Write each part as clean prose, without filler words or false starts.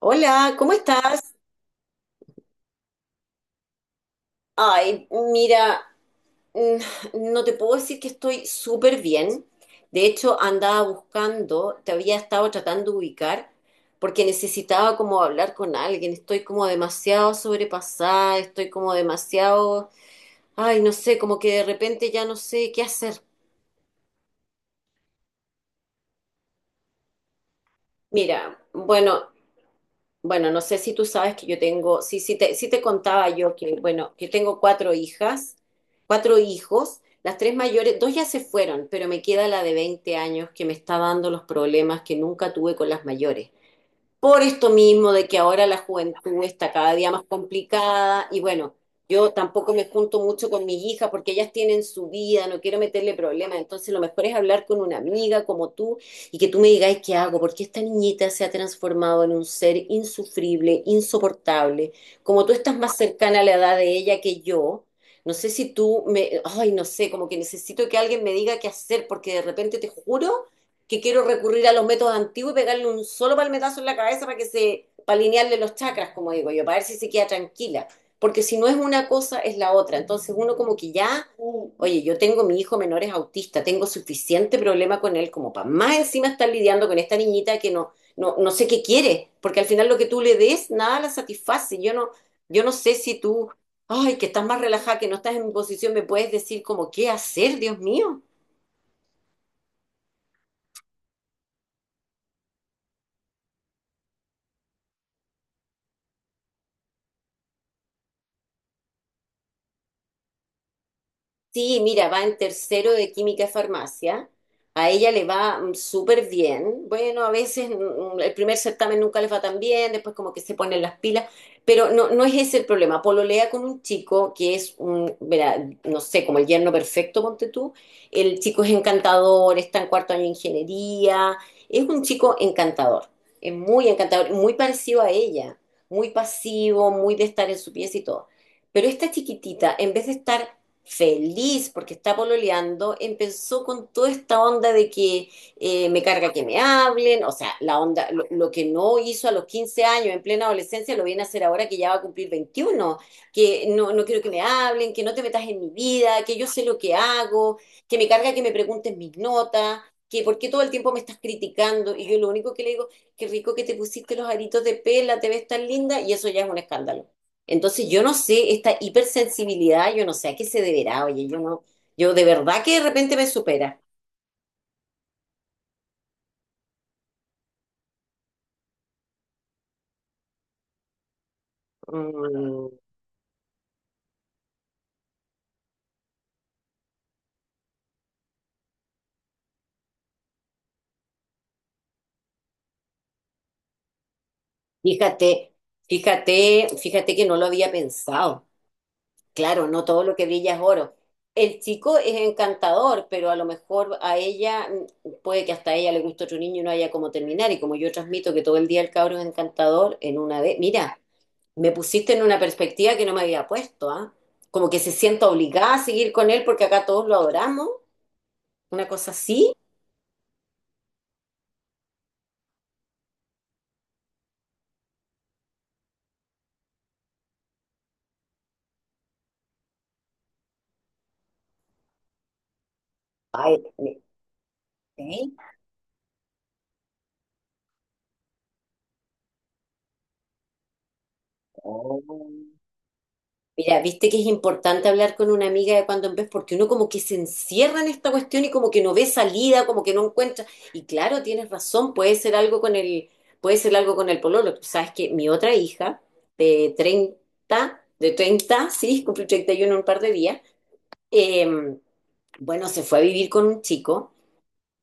Hola, ¿cómo estás? Ay, mira, mm, no te puedo decir que estoy súper bien. De hecho, andaba buscando, te había estado tratando de ubicar, porque necesitaba como hablar con alguien. Estoy como demasiado sobrepasada, estoy como demasiado, ay, no sé, como que de repente ya no sé qué hacer. Mira, bueno, bueno, no sé si tú sabes que yo tengo, sí te contaba yo que, bueno, que tengo cuatro hijas, cuatro hijos. Las tres mayores, dos ya se fueron, pero me queda la de 20 años, que me está dando los problemas que nunca tuve con las mayores, por esto mismo de que ahora la juventud está cada día más complicada. Y bueno, yo tampoco me junto mucho con mis hijas porque ellas tienen su vida, no quiero meterle problemas, entonces lo mejor es hablar con una amiga como tú y que tú me digas qué hago, porque esta niñita se ha transformado en un ser insufrible, insoportable, como tú estás más cercana a la edad de ella que yo. No sé si tú me, ay, no sé, como que necesito que alguien me diga qué hacer, porque de repente te juro que quiero recurrir a los métodos antiguos y pegarle un solo palmetazo en la cabeza para que se, para alinearle los chakras, como digo yo, para ver si se queda tranquila. Porque si no es una cosa, es la otra. Entonces uno como que ya, oye, yo tengo mi hijo menor es autista, tengo suficiente problema con él como para más encima estar lidiando con esta niñita, que no, no, no sé qué quiere, porque al final lo que tú le des, nada la satisface. Yo no sé si tú, ay, que estás más relajada, que no estás en mi posición, me puedes decir como qué hacer, Dios mío. Sí, mira, va en tercero de química y farmacia. A ella le va súper bien. Bueno, a veces el primer certamen nunca les va tan bien, después como que se ponen las pilas, pero no, no es ese el problema. Pololea con un chico que es un, verá, no sé, como el yerno perfecto, ponte tú. El chico es encantador, está en cuarto año de ingeniería, es un chico encantador, es muy encantador, muy parecido a ella, muy pasivo, muy de estar en su pieza y todo. Pero esta chiquitita, en vez de estar feliz porque está pololeando, empezó con toda esta onda de que me carga que me hablen. O sea, la onda, lo que no hizo a los 15 años en plena adolescencia lo viene a hacer ahora que ya va a cumplir 21, que no, no quiero que me hablen, que no te metas en mi vida, que yo sé lo que hago, que me carga que me pregunten mis notas, que por qué todo el tiempo me estás criticando. Y yo lo único que le digo, qué rico que te pusiste los aritos de pela, te ves tan linda, y eso ya es un escándalo. Entonces yo no sé, esta hipersensibilidad, yo no sé a qué se deberá, oye, yo no, yo de verdad que de repente me supera. Mm, fíjate, fíjate, fíjate que no lo había pensado. Claro, no todo lo que brilla es oro. El chico es encantador, pero a lo mejor a ella, mm, puede que hasta a ella le guste otro niño y no haya cómo terminar. Y como yo transmito que todo el día el cabro es encantador, en una vez, mira, me pusiste en una perspectiva que no me había puesto, ¿ah? Como que se sienta obligada a seguir con él porque acá todos lo adoramos, una cosa así. Ay, ok. Mira, viste que es importante hablar con una amiga de cuando en vez, porque uno como que se encierra en esta cuestión y como que no ve salida, como que no encuentra. Y claro, tienes razón, puede ser algo con el, puede ser algo con el pololo. Tú sabes que mi otra hija de treinta, sí, cumple 31 en un par de días, eh, bueno, se fue a vivir con un chico.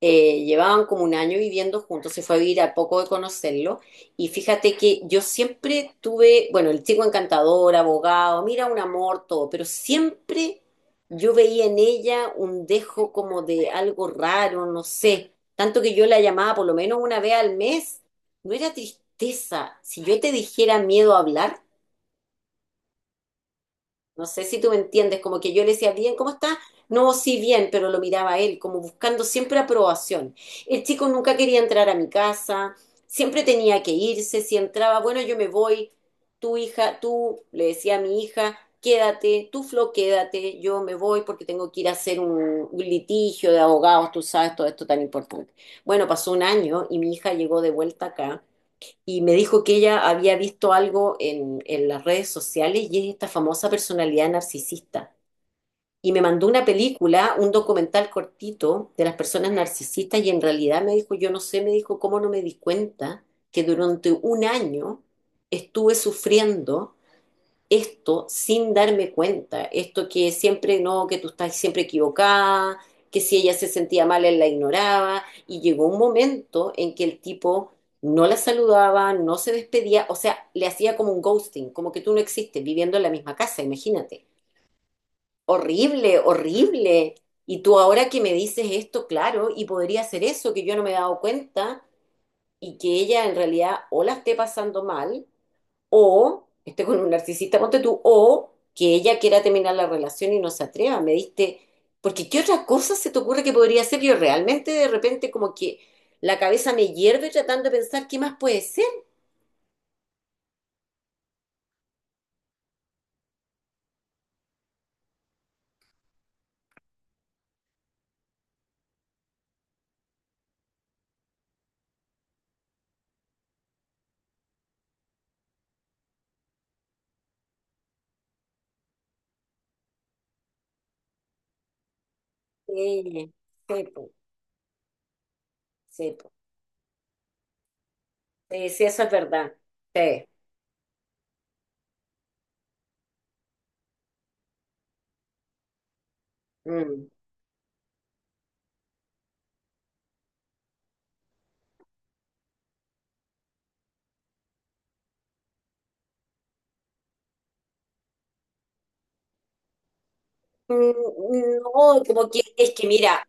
Llevaban como un año viviendo juntos, se fue a vivir a poco de conocerlo. Y fíjate que yo siempre tuve, bueno, el chico encantador, abogado, mira, un amor, todo, pero siempre yo veía en ella un dejo como de algo raro, no sé. Tanto que yo la llamaba por lo menos una vez al mes, no era tristeza. Si yo te dijera miedo a hablar, no sé si tú me entiendes, como que yo le decía, bien, ¿cómo está? No, sí, bien, pero lo miraba a él, como buscando siempre aprobación. El chico nunca quería entrar a mi casa, siempre tenía que irse, si entraba, bueno, yo me voy, tu hija, tú, le decía a mi hija, quédate, tú, Flo, quédate, yo me voy porque tengo que ir a hacer un litigio de abogados, tú sabes, todo esto tan importante. Bueno, pasó un año y mi hija llegó de vuelta acá y me dijo que ella había visto algo en las redes sociales, y es esta famosa personalidad narcisista. Y me mandó una película, un documental cortito de las personas narcisistas, y en realidad me dijo, yo no sé, me dijo, ¿cómo no me di cuenta que durante un año estuve sufriendo esto sin darme cuenta, esto que siempre no, que tú estás siempre equivocada, que si ella se sentía mal, él la ignoraba? Y llegó un momento en que el tipo no la saludaba, no se despedía, o sea, le hacía como un ghosting, como que tú no existes viviendo en la misma casa, imagínate. Horrible, horrible. Y tú ahora que me dices esto, claro, y podría ser eso, que yo no me he dado cuenta y que ella en realidad o la esté pasando mal o esté con un narcisista, ponte tú, o que ella quiera terminar la relación y no se atreva. Me diste, porque ¿qué otra cosa se te ocurre que podría ser? Yo realmente de repente como que la cabeza me hierve tratando de pensar qué más puede ser. Sí, sí, po, sí, po. Sí, sí, eso es verdad. Sí. Mm. Mm, mm, no, como que es que mira,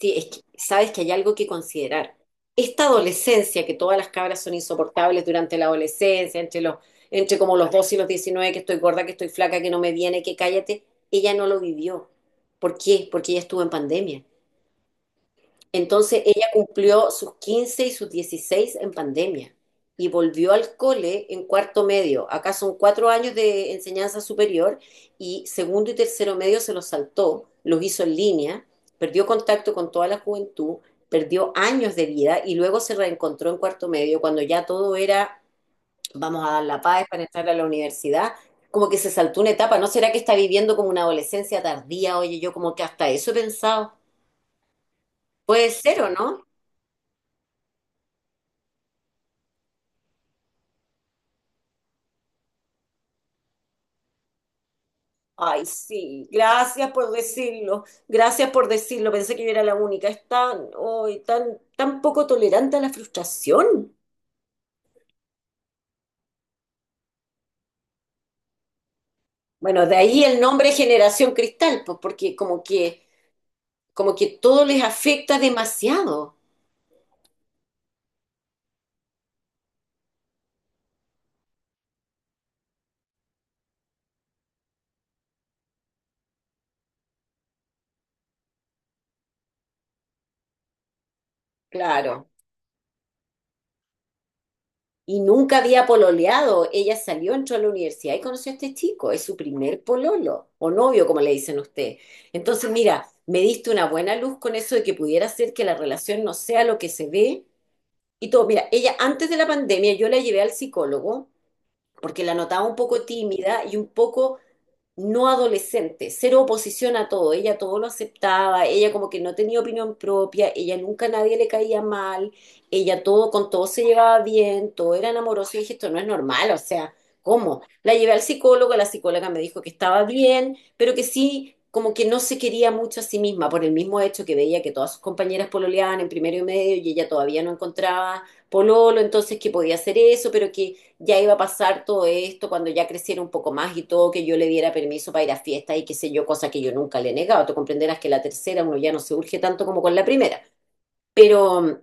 sí, es que sabes que hay algo que considerar. Esta adolescencia, que todas las cabras son insoportables durante la adolescencia, entre como los 12 y los 19, que estoy gorda, que estoy flaca, que no me viene, que cállate, ella no lo vivió. ¿Por qué? Porque ella estuvo en pandemia. Entonces ella cumplió sus 15 y sus 16 en pandemia y volvió al cole en cuarto medio. Acá son 4 años de enseñanza superior, y segundo y tercero medio se los saltó, los hizo en línea, perdió contacto con toda la juventud, perdió años de vida y luego se reencontró en cuarto medio cuando ya todo era, vamos a dar la paz para entrar a la universidad. Como que se saltó una etapa, ¿no será que está viviendo como una adolescencia tardía? Oye, yo como que hasta eso he pensado. Puede ser, ¿o no? Ay, sí, gracias por decirlo, pensé que yo era la única, es tan, ay, tan, tan poco tolerante a la frustración. Bueno, de ahí el nombre Generación Cristal, pues porque como que, todo les afecta demasiado, claro. Y nunca había pololeado, ella salió, entró a la universidad y conoció a este chico, es su primer pololo, o novio, como le dicen ustedes. Entonces, mira, me diste una buena luz con eso de que pudiera ser que la relación no sea lo que se ve y todo. Mira, ella antes de la pandemia yo la llevé al psicólogo porque la notaba un poco tímida y un poco no adolescente, cero oposición a todo, ella todo lo aceptaba, ella como que no tenía opinión propia, ella nunca a nadie le caía mal, ella todo con todo se llevaba bien, todo era amoroso, y dije, esto no es normal, o sea, ¿cómo? La llevé al psicólogo, la psicóloga me dijo que estaba bien, pero que sí, como que no se quería mucho a sí misma, por el mismo hecho que veía que todas sus compañeras pololeaban en primero y medio y ella todavía no encontraba pololo, entonces que podía hacer eso, pero que ya iba a pasar todo esto cuando ya creciera un poco más y todo, que yo le diera permiso para ir a fiestas y qué sé yo, cosa que yo nunca le he negado. Tú comprenderás que la tercera uno ya no se urge tanto como con la primera. Pero,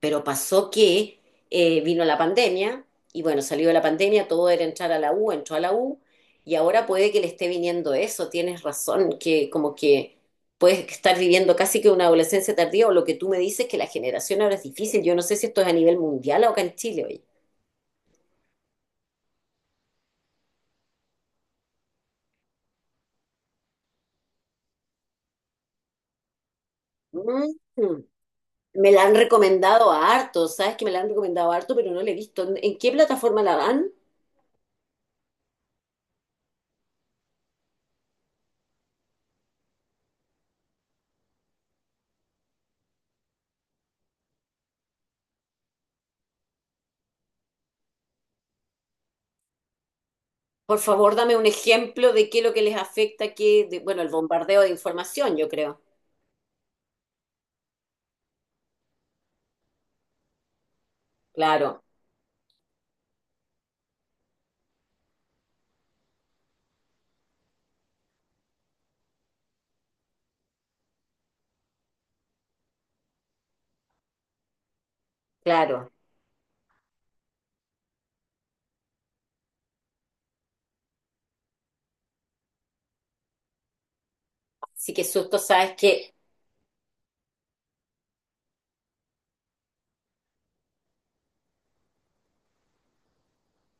pero pasó que vino la pandemia, y bueno, salió de la pandemia, todo era entrar a la U, entró a la U, y ahora puede que le esté viniendo eso, tienes razón, que como que puedes estar viviendo casi que una adolescencia tardía, o lo que tú me dices, que la generación ahora es difícil. Yo no sé si esto es a nivel mundial o acá en Chile, oye. Mm. Me la han recomendado a harto, ¿sabes que me la han recomendado a harto, pero no la he visto? ¿En qué plataforma la dan? Por favor, dame un ejemplo de qué es lo que les afecta, qué, de- bueno, el bombardeo de información, yo creo. Claro, claro. Así que susto, ¿sabes que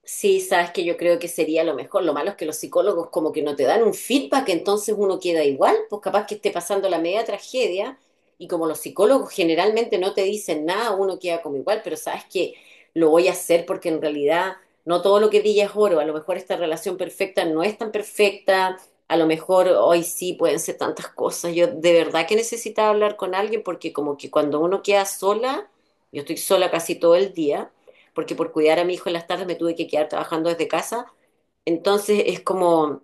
sí, sabes que yo creo que sería lo mejor? Lo malo es que los psicólogos como que no te dan un feedback, entonces uno queda igual, pues capaz que esté pasando la media tragedia, y como los psicólogos generalmente no te dicen nada, uno queda como igual, pero sabes que lo voy a hacer, porque en realidad no todo lo que brilla es oro. A lo mejor esta relación perfecta no es tan perfecta, a lo mejor hoy sí pueden ser tantas cosas. Yo de verdad que necesitaba hablar con alguien, porque como que cuando uno queda sola, yo estoy sola casi todo el día porque por cuidar a mi hijo en las tardes me tuve que quedar trabajando desde casa. Entonces es como,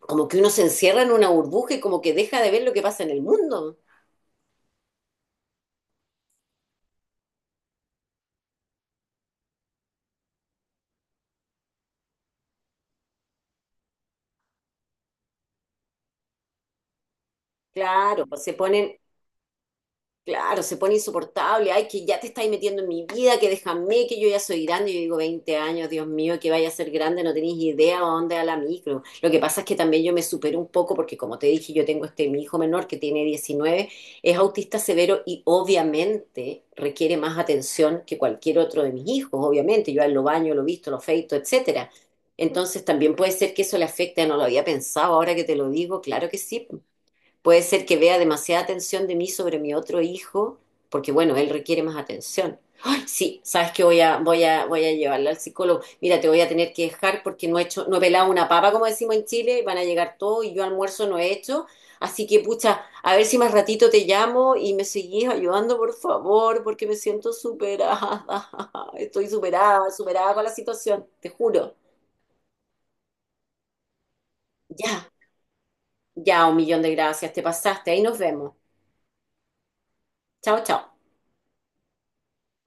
como que uno se encierra en una burbuja y como que deja de ver lo que pasa en el mundo. Claro, pues se ponen, claro, se pone insoportable. Ay, que ya te estáis metiendo en mi vida, que déjame, que yo ya soy grande. Yo digo, 20 años, Dios mío, que vaya a ser grande, no tenéis idea a dónde a la micro. Lo que pasa es que también yo me supero un poco, porque como te dije, yo tengo este mi hijo menor que tiene 19, es autista severo y obviamente requiere más atención que cualquier otro de mis hijos, obviamente. Yo a él lo baño, lo visto, lo feito, etcétera. Entonces también puede ser que eso le afecte, no lo había pensado, ahora que te lo digo, claro que sí. Puede ser que vea demasiada atención de mí sobre mi otro hijo, porque bueno, él requiere más atención. Ay, sí, sabes que voy a llevarla al psicólogo. Mira, te voy a tener que dejar porque no he hecho, no he pelado una papa, como decimos en Chile, y van a llegar todos y yo almuerzo no he hecho. Así que, pucha, a ver si más ratito te llamo y me seguís ayudando, por favor, porque me siento superada. Estoy superada, superada con la situación, te juro. Ya, ya, un millón de gracias, te pasaste. Ahí nos vemos. Chao, chao.